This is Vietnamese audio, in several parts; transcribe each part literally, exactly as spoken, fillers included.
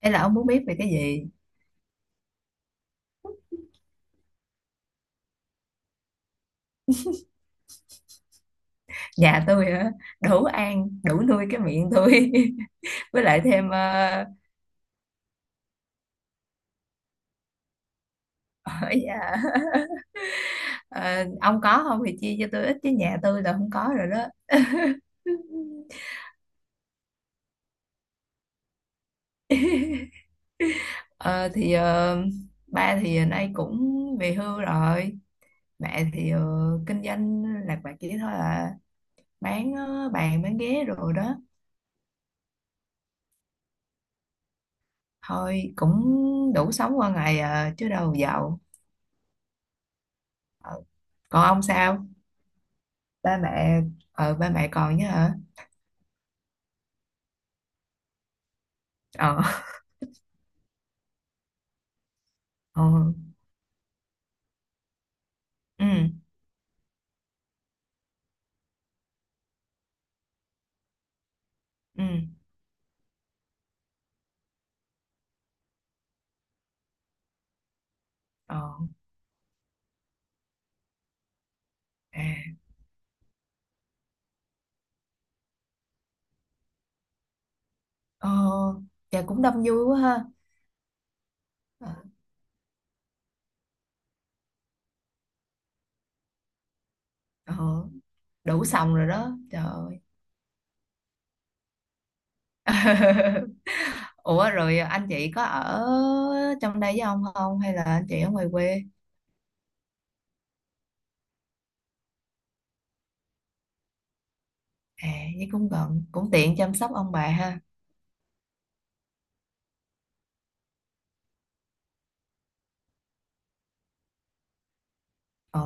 Thế là ông muốn biết về cái gì? Nhà tôi hả? Đủ ăn, đủ nuôi cái miệng tôi. Với lại thêm ờ, hỏi dạ, ờ, ông có không thì chia cho tôi ít chứ nhà tôi là không có rồi đó. Ờ, thì ờ, ba thì nay cũng về hưu rồi. Mẹ thì ờ, kinh doanh lạc vặt chỉ thôi à. Bán ờ, bàn, bán ghế rồi đó. Thôi cũng đủ sống qua ngày à, chứ đâu giàu. Ờ, Còn ông sao? Ba mẹ, ờ, ba mẹ còn chứ hả? Ờ. Ờ. Ừ. Ừ. Ờ. À. Ờ. Dạ cũng đông vui quá ha. Ờ. ờ, Đủ xong rồi đó, trời ơi. Ủa, rồi anh chị có ở trong đây với ông không, hay là anh chị ở ngoài quê? à với cũng gần, cũng tiện chăm sóc ông bà ha. Ờ.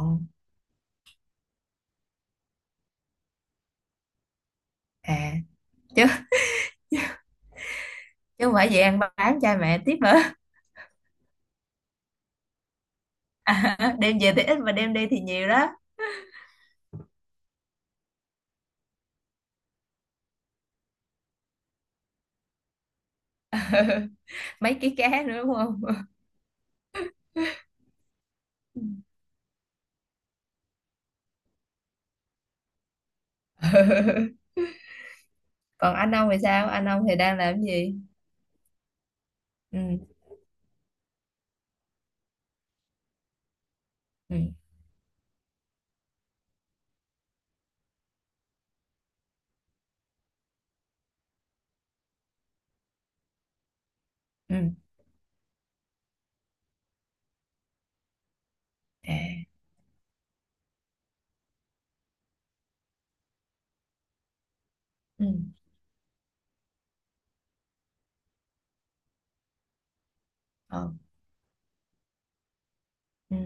À. chứ chứ không phải về ăn bán cha mẹ tiếp nữa. À, đem về thì ít mà đem đi thì nhiều đó. Mấy ký cá nữa đúng không? Còn anh ông thì sao, anh ông thì đang làm cái gì? Ừ. Ừ. Ừ. À. Ừ. Ờ. Ừ.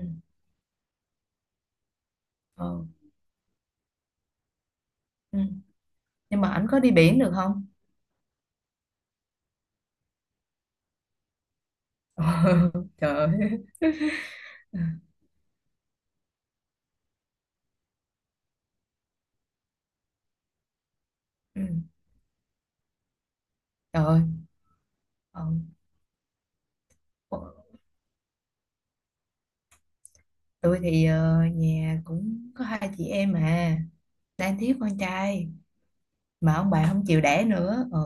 Ờ. Ừ. Nhưng mà ảnh có đi biển được không? Trời ơi. Ừ. Ừ. Trời ơi. Ờ. Tôi thì ờ, nhà cũng có hai chị em mà đang thiếu con trai mà ông bà không chịu đẻ nữa. ừ,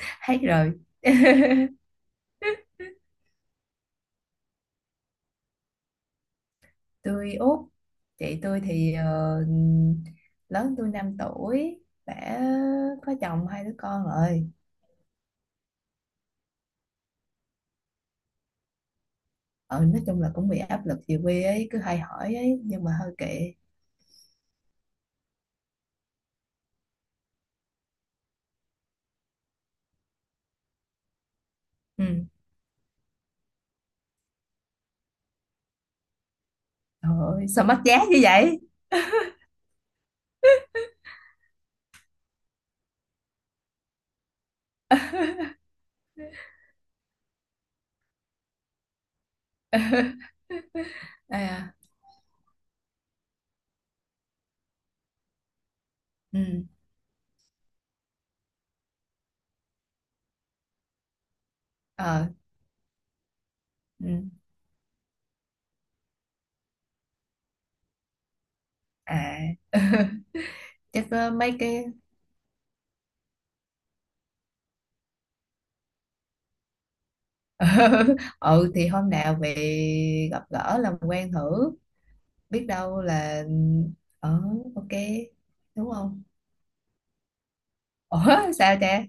Hết rồi. Tôi út. Chị tôi thì ờ, lớn tôi năm tuổi, đã có chồng hai đứa con rồi. ờ nói chung là cũng bị áp lực, về quê ấy cứ hay hỏi ấy nhưng mà hơi kệ. Ừ. Trời ơi, sao mất giá như vậy? À. Ừ. Ờ. Ừ. À. Chắc ờ, mấy cái. Ừ, thì hôm nào về gặp gỡ làm quen thử. Biết đâu là. Ờ, ok, đúng không? Ủa, sao cha?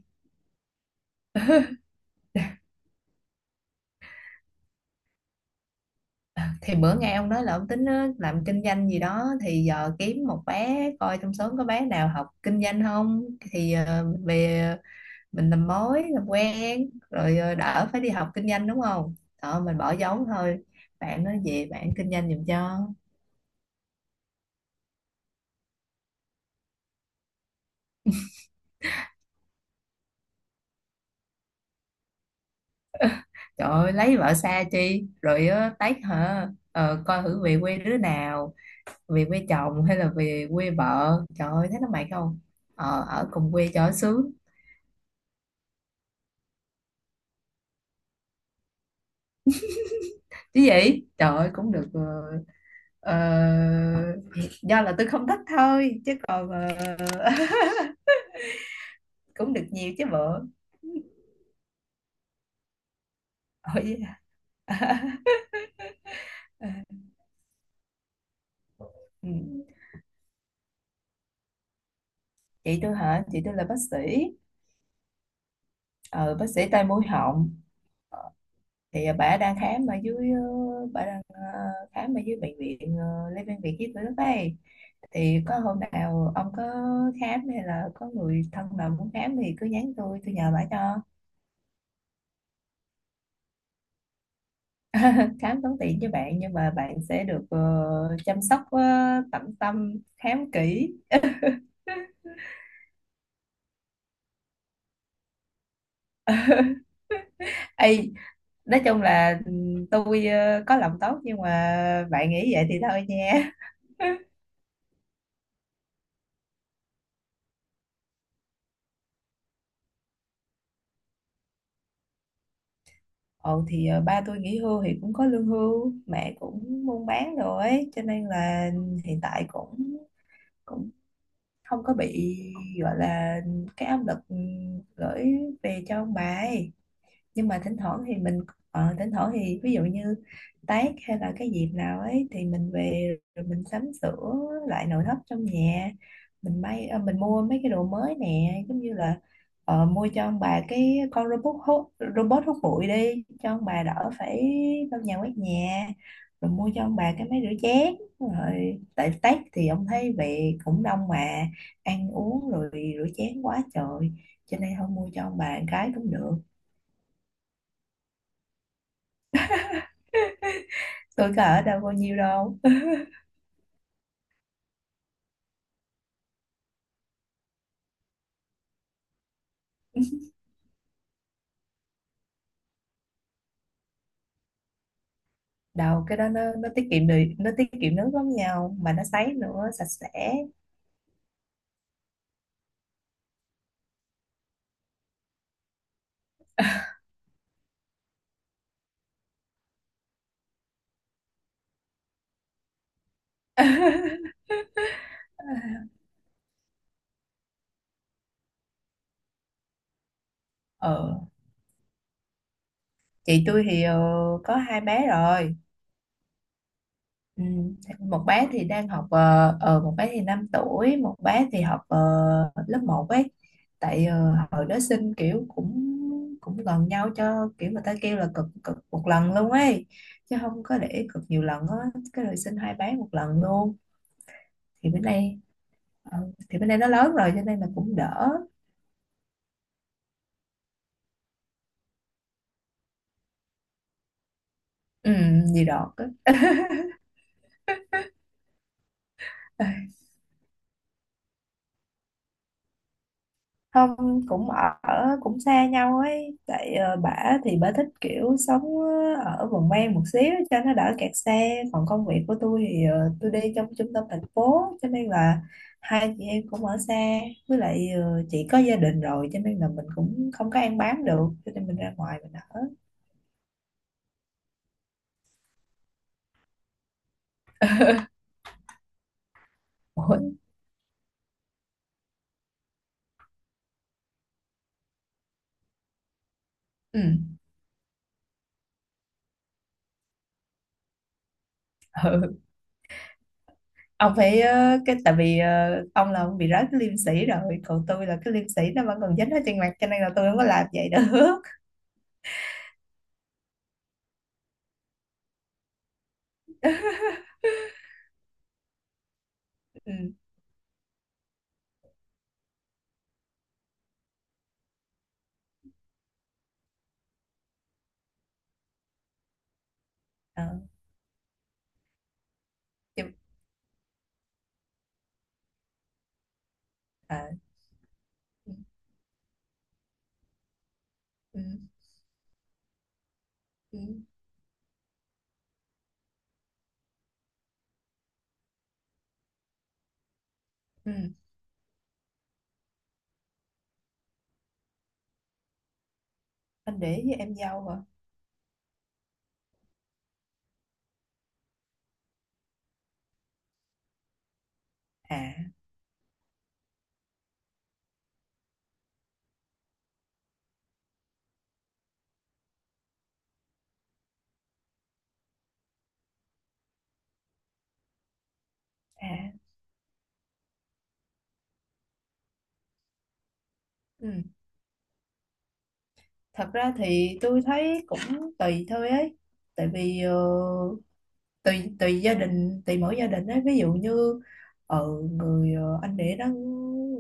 Thì bữa nghe ông nói là ông tính ờ, làm kinh doanh gì đó thì giờ kiếm một bé coi trong xóm, có bé nào học kinh doanh không thì ờ, mình về, mình làm mối làm quen rồi ờ, đỡ phải đi học kinh doanh, đúng không? Đó mình bỏ giống thôi. Bạn nói về bạn kinh doanh giùm cho. Trời ơi, lấy vợ xa chi rồi ờ, tách hả? ờ, Coi thử về quê đứa nào về quê chồng hay là về quê vợ, trời ơi thấy nó mệt không? Ờ, ở cùng quê cho sướng. Chứ gì, trời ơi cũng được ờ, ờ, do là tôi không thích thôi chứ còn ờ, cũng được nhiều chứ bộ. Ôi. Ừ. Chị tôi hả? Chị tôi là bác sĩ. ờ, bác sĩ tai mũi họng. Thì ờ, bà đang khám ở dưới, ờ, bà đang ờ, khám ở dưới bệnh viện ờ, Lê Văn Việt với tôi lúc ấy. Thì có hôm nào ông có khám hay là có người thân nào muốn khám thì cứ nhắn tôi tôi nhờ bà cho. Khám tốn tiền cho bạn nhưng mà bạn sẽ được ờ, chăm sóc, ờ, tận tâm khám kỹ. Ê, nói chung là ừ, tôi ờ, có lòng tốt nhưng mà bạn nghĩ vậy thì thôi nha. Ồ thì ờ, ba tôi nghỉ hưu thì cũng có lương hưu, mẹ cũng buôn bán rồi ấy, cho nên là hiện tại cũng cũng không có bị gọi là cái áp lực ừ, gửi về cho ông bà ấy. Nhưng mà thỉnh thoảng thì mình ờ, thỉnh thoảng thì ví dụ như Tết hay là cái dịp nào ấy thì mình về rồi mình sắm sửa lại nội thất trong nhà, mình may ờ, mình mua mấy cái đồ mới nè, giống như là ờ, mua cho ông bà cái con robot hút robot hút bụi đi cho ông bà đỡ phải lau nhà quét nhà, rồi mua cho ông bà cái máy rửa chén. Rồi tại Tết thì ông thấy về cũng đông mà ăn uống rồi rửa chén quá trời, cho nên không mua cho ông bà cái cũng được. Tuổi cỡ đâu bao nhiêu đâu. Đầu cái đó nó nó tiết kiệm được, nó tiết kiệm nước lắm nhau mà nó sấy nữa sạch sẽ. ờ chị tôi thì ờ, có hai bé rồi. Ừ. Một bé thì đang học ờ, ờ, một bé thì năm tuổi, một bé thì học ờ, lớp một ấy. Tại ờ, hồi đó sinh kiểu cũng cũng gần nhau, cho kiểu người ta kêu là cực, cực một lần luôn ấy, chứ không có để cực nhiều lần á. Cái rồi sinh hai bé một lần luôn. Thì bữa nay. Ờ, thì bên đây nó lớn rồi cho nên là cũng đỡ. ừ, Gì đọt á. Ê, không cũng ở cũng xa nhau ấy, tại ờ, bả thì bả thích kiểu sống ờ, ở vùng ven một xíu cho nó đỡ kẹt xe, còn công việc của tôi thì ờ, tôi đi trong trung tâm thành phố cho nên là hai chị em cũng ở xa, với lại ờ, chị có gia đình rồi cho nên là mình cũng không có ăn bám được cho nên mình ra ngoài mình ở. Mỗi. Ừ. Ừ. Ông phải ờ, cái tại vì ờ, ông là ông bị rớt cái liêm sĩ rồi, còn tôi là cái liêm sĩ nó vẫn còn dính ở trên mặt cho nên là tôi không có làm vậy được. Ừ. ờ, nhưng- ờ, ừ, ừ, ừ, ừ. Anh để với em dâu hả? À. À. Ừ. Thật ra thì tôi thấy cũng tùy thôi ấy, tại vì ờ, tùy tùy gia đình, tùy mỗi gia đình ấy, ví dụ như ở người ờ, anh để đó,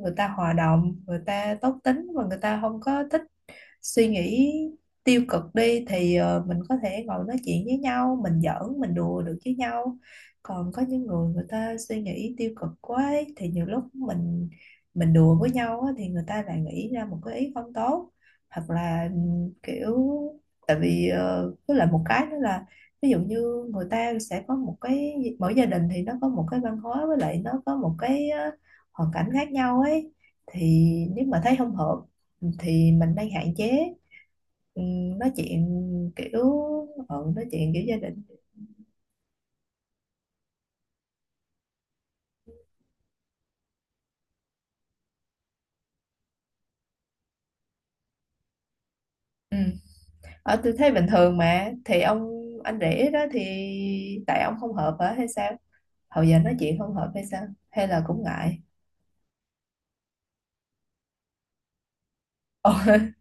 người ta hòa đồng, người ta tốt tính và người ta không có thích suy nghĩ tiêu cực đi thì ờ, mình có thể ngồi nói chuyện với nhau, mình giỡn mình đùa được với nhau. Còn có những người, người ta suy nghĩ tiêu cực quá ấy, thì nhiều lúc mình mình đùa với nhau á, thì người ta lại nghĩ ra một cái ý không tốt, hoặc là ừm, kiểu, tại vì ờ, với lại một cái nữa là ví dụ như người ta sẽ có một cái, mỗi gia đình thì nó có một cái văn hóa, với lại nó có một cái ờ, hoàn cảnh khác nhau ấy, thì nếu mà thấy không hợp thì mình đang hạn chế ừ, nói chuyện kiểu, ừ, nói chuyện kiểu gia đình. Ừ. Ở tư thế bình thường mà thì ông anh rể đó thì, tại ông không hợp hả hay sao? Hồi giờ nói chuyện không hợp hay sao, hay là cũng ngại? Ồ.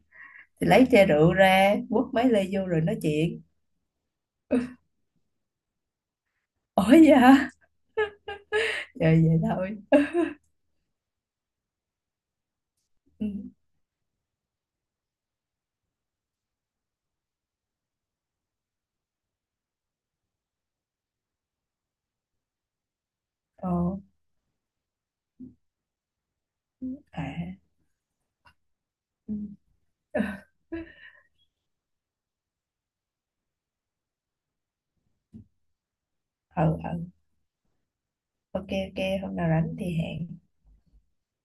Thì lấy chai rượu ra quất mấy ly vô rồi nói chuyện. Ủa vậy hả? Rồi vậy thôi. Ừ. Ồ. À. Ừ. Ừ. Ừ. Ok, ok, hôm nào rảnh thì hẹn.